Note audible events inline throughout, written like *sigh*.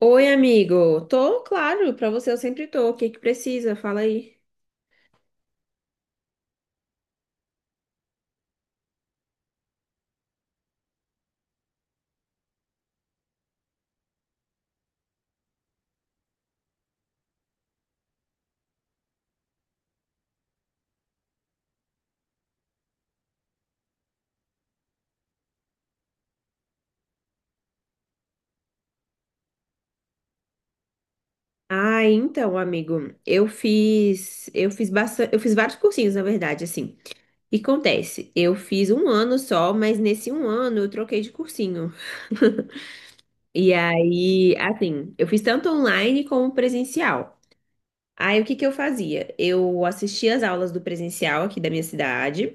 Oi, amigo. Tô, claro, pra você eu sempre tô. O que que precisa? Fala aí. Ah, então, amigo, eu fiz bastante, eu fiz vários cursinhos, na verdade, assim. E acontece, eu fiz um ano só, mas nesse um ano eu troquei de cursinho. *laughs* E aí, assim, eu fiz tanto online como presencial. Aí, o que que eu fazia? Eu assistia as aulas do presencial aqui da minha cidade,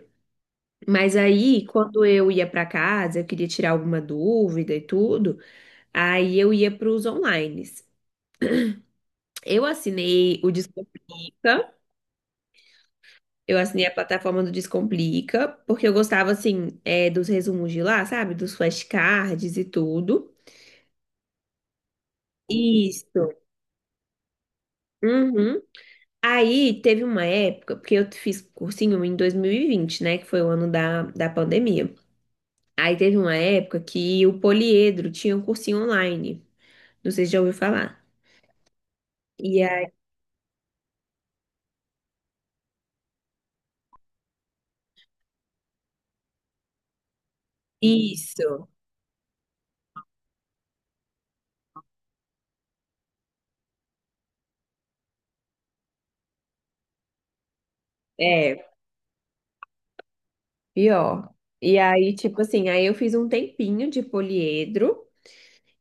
mas aí, quando eu ia pra casa, eu queria tirar alguma dúvida e tudo. Aí eu ia para os onlines. Eu assinei o Descomplica, eu assinei a plataforma do Descomplica, porque eu gostava, assim, dos resumos de lá, sabe? Dos flashcards e tudo. Isso. Uhum. Aí teve uma época, porque eu fiz cursinho em 2020, né? Que foi o ano da pandemia. Aí teve uma época que o Poliedro tinha um cursinho online. Não sei se já ouviu falar. E aí, isso. É. Pior. E aí, tipo assim, aí eu fiz um tempinho de poliedro.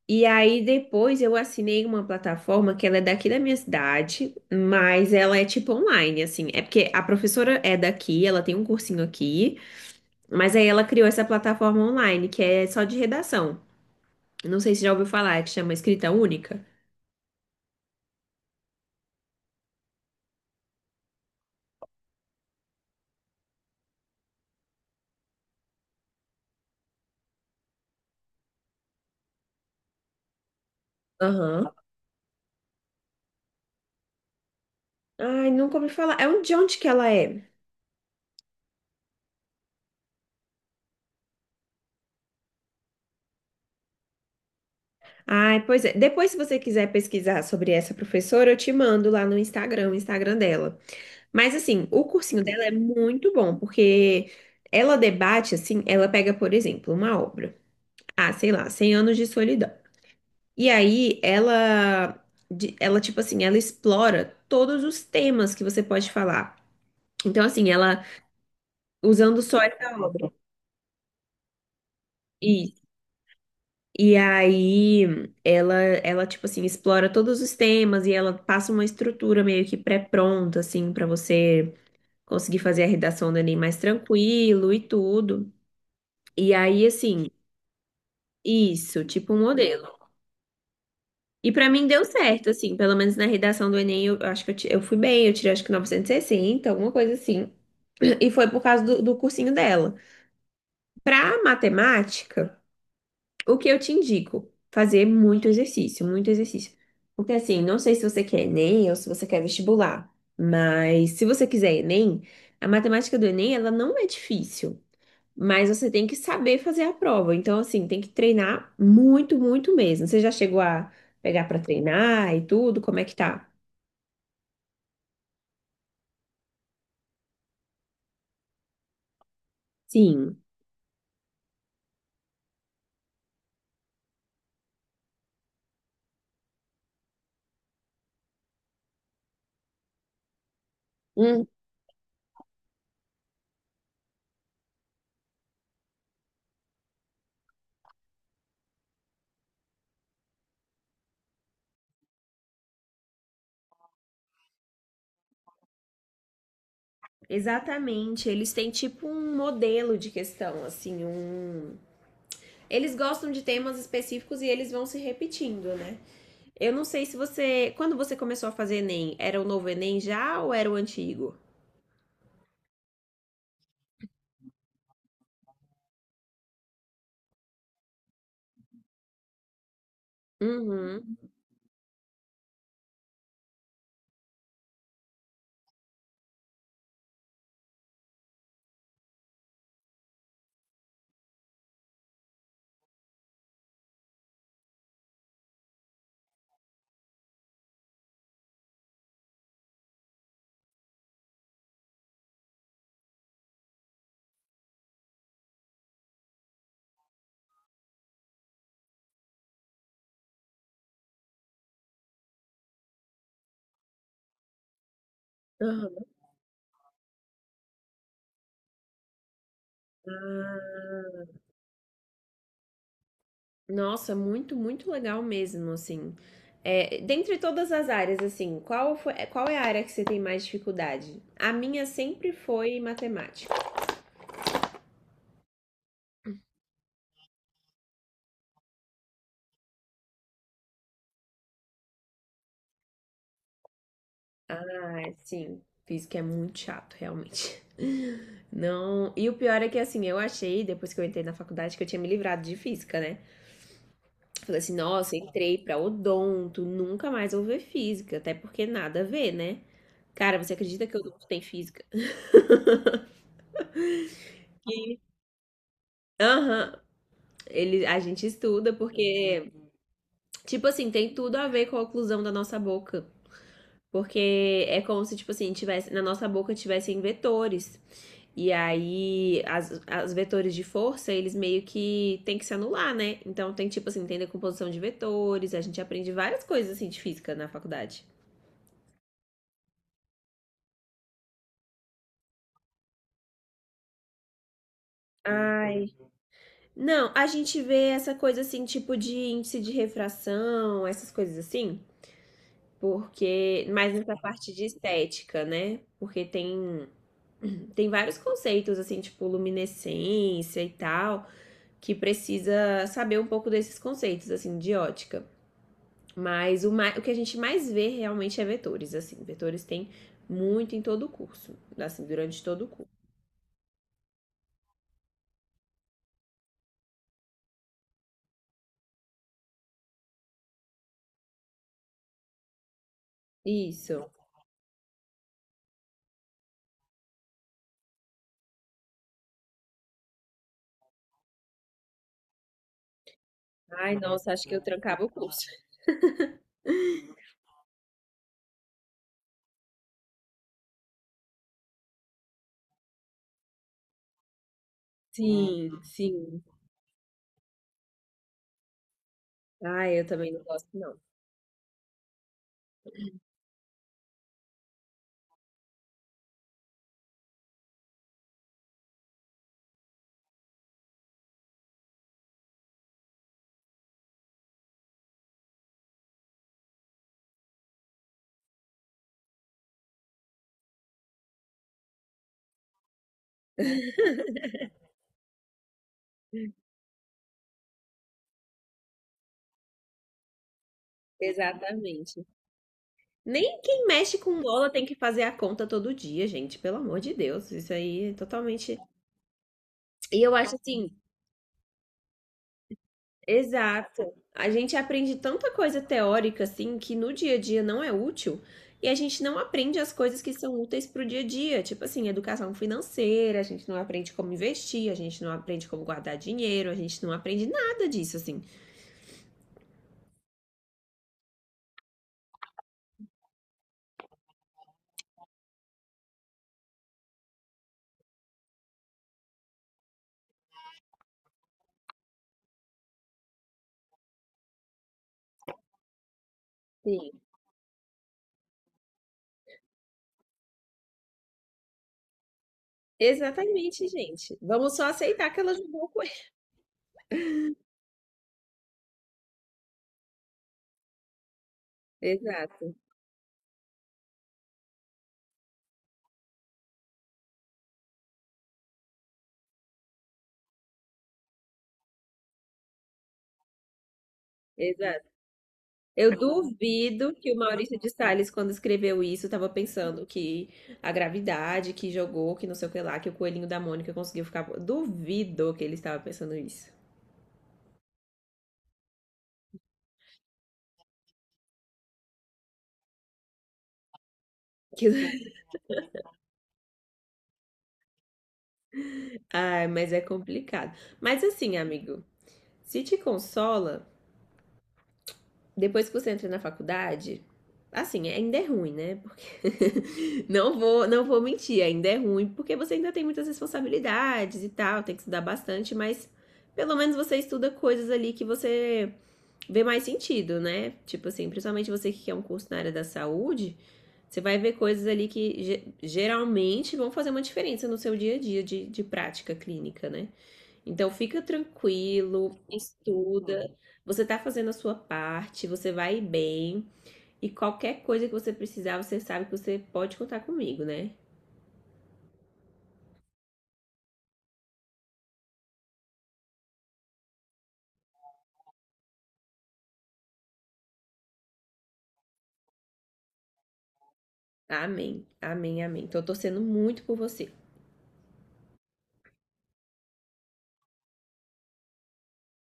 E aí depois eu assinei uma plataforma que ela é daqui da minha cidade, mas ela é tipo online, assim. É porque a professora é daqui, ela tem um cursinho aqui, mas aí ela criou essa plataforma online que é só de redação. Não sei se já ouviu falar, é que chama Escrita Única. Aham. Ai, nunca ouvi falar. É um, de onde que ela é? Ai, pois é. Depois, se você quiser pesquisar sobre essa professora, eu te mando lá no Instagram, o Instagram dela. Mas assim, o cursinho dela é muito bom, porque ela debate assim, ela pega, por exemplo, uma obra, ah, sei lá, 100 anos de solidão. E aí ela ela tipo assim, ela explora todos os temas que você pode falar. Então assim, ela usando só essa obra. E e aí ela ela tipo assim, explora todos os temas e ela passa uma estrutura meio que pré-pronta assim para você conseguir fazer a redação do Enem mais tranquilo e tudo. E aí, assim, isso, tipo um modelo. E pra mim deu certo, assim, pelo menos na redação do Enem, eu acho que eu fui bem, eu tirei acho que 960 alguma coisa assim. E foi por causa do cursinho dela. Pra matemática, o que eu te indico? Fazer muito exercício, muito exercício. Porque assim, não sei se você quer Enem ou se você quer vestibular, mas se você quiser Enem, a matemática do Enem, ela não é difícil. Mas você tem que saber fazer a prova. Então, assim, tem que treinar muito, muito mesmo. Você já chegou a pegar para treinar e tudo? Como é que tá? Sim. Hum, exatamente. Eles têm tipo um modelo de questão, assim, um. Eles gostam de temas específicos e eles vão se repetindo, né? Eu não sei se você. Quando você começou a fazer Enem, era o novo Enem já ou era o antigo? Uhum. Aham. Nossa, muito, muito legal mesmo, assim. É, dentre todas as áreas, assim, qual foi, qual é a área que você tem mais dificuldade? A minha sempre foi matemática. Ah, sim. Física é muito chato, realmente. *laughs* Não. E o pior é que, assim, eu achei, depois que eu entrei na faculdade, que eu tinha me livrado de física, né? Falei assim, nossa, entrei pra odonto, nunca mais vou ver física, até porque nada a ver, né? Cara, você acredita que odonto tem física? Aham. Ele, a gente estuda porque tipo assim, tem tudo a ver com a oclusão da nossa boca. Porque é como se, tipo assim, tivesse, na nossa boca tivessem vetores. E aí, as vetores de força, eles meio que tem que se anular, né? Então tem, tipo assim, tem decomposição de vetores, a gente aprende várias coisas assim de física na faculdade. Ai. Não, a gente vê essa coisa assim, tipo de índice de refração, essas coisas assim, porque mais nessa parte de estética, né? Porque tem tem vários conceitos, assim, tipo luminescência e tal, que precisa saber um pouco desses conceitos, assim, de ótica. Mas o que a gente mais vê realmente é vetores, assim. Vetores tem muito em todo o curso, assim, durante todo o curso. Isso. Ai, nossa, acho que eu trancava o curso. *laughs* Sim, sim. Ai, eu também não gosto, não. Exatamente. Nem quem mexe com bola tem que fazer a conta todo dia, gente. Pelo amor de Deus. Isso aí é totalmente. E eu acho assim, exato. A gente aprende tanta coisa teórica assim que no dia a dia não é útil e a gente não aprende as coisas que são úteis para o dia a dia, tipo assim, educação financeira, a gente não aprende como investir, a gente não aprende como guardar dinheiro, a gente não aprende nada disso assim. Sim. Exatamente, gente. Vamos só aceitar que ela jogou com ele. Exato, exato. Eu duvido que o Maurício de Sales, quando escreveu isso, estava pensando que a gravidade, que jogou, que não sei o que lá, que o coelhinho da Mônica conseguiu ficar. Duvido que ele estava pensando isso. *laughs* Que- Ai, mas é complicado. Mas assim, amigo, se te consola. Depois que você entra na faculdade, assim, ainda é ruim, né? Porque *laughs* não vou mentir, ainda é ruim, porque você ainda tem muitas responsabilidades e tal, tem que estudar bastante, mas pelo menos você estuda coisas ali que você vê mais sentido, né? Tipo assim, principalmente você que quer um curso na área da saúde, você vai ver coisas ali que geralmente vão fazer uma diferença no seu dia a dia de prática clínica, né? Então fica tranquilo, estuda, você tá fazendo a sua parte, você vai bem e qualquer coisa que você precisar, você sabe que você pode contar comigo, né? Amém. Amém, amém. Tô torcendo muito por você.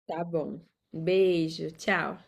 Tá bom. Beijo, tchau.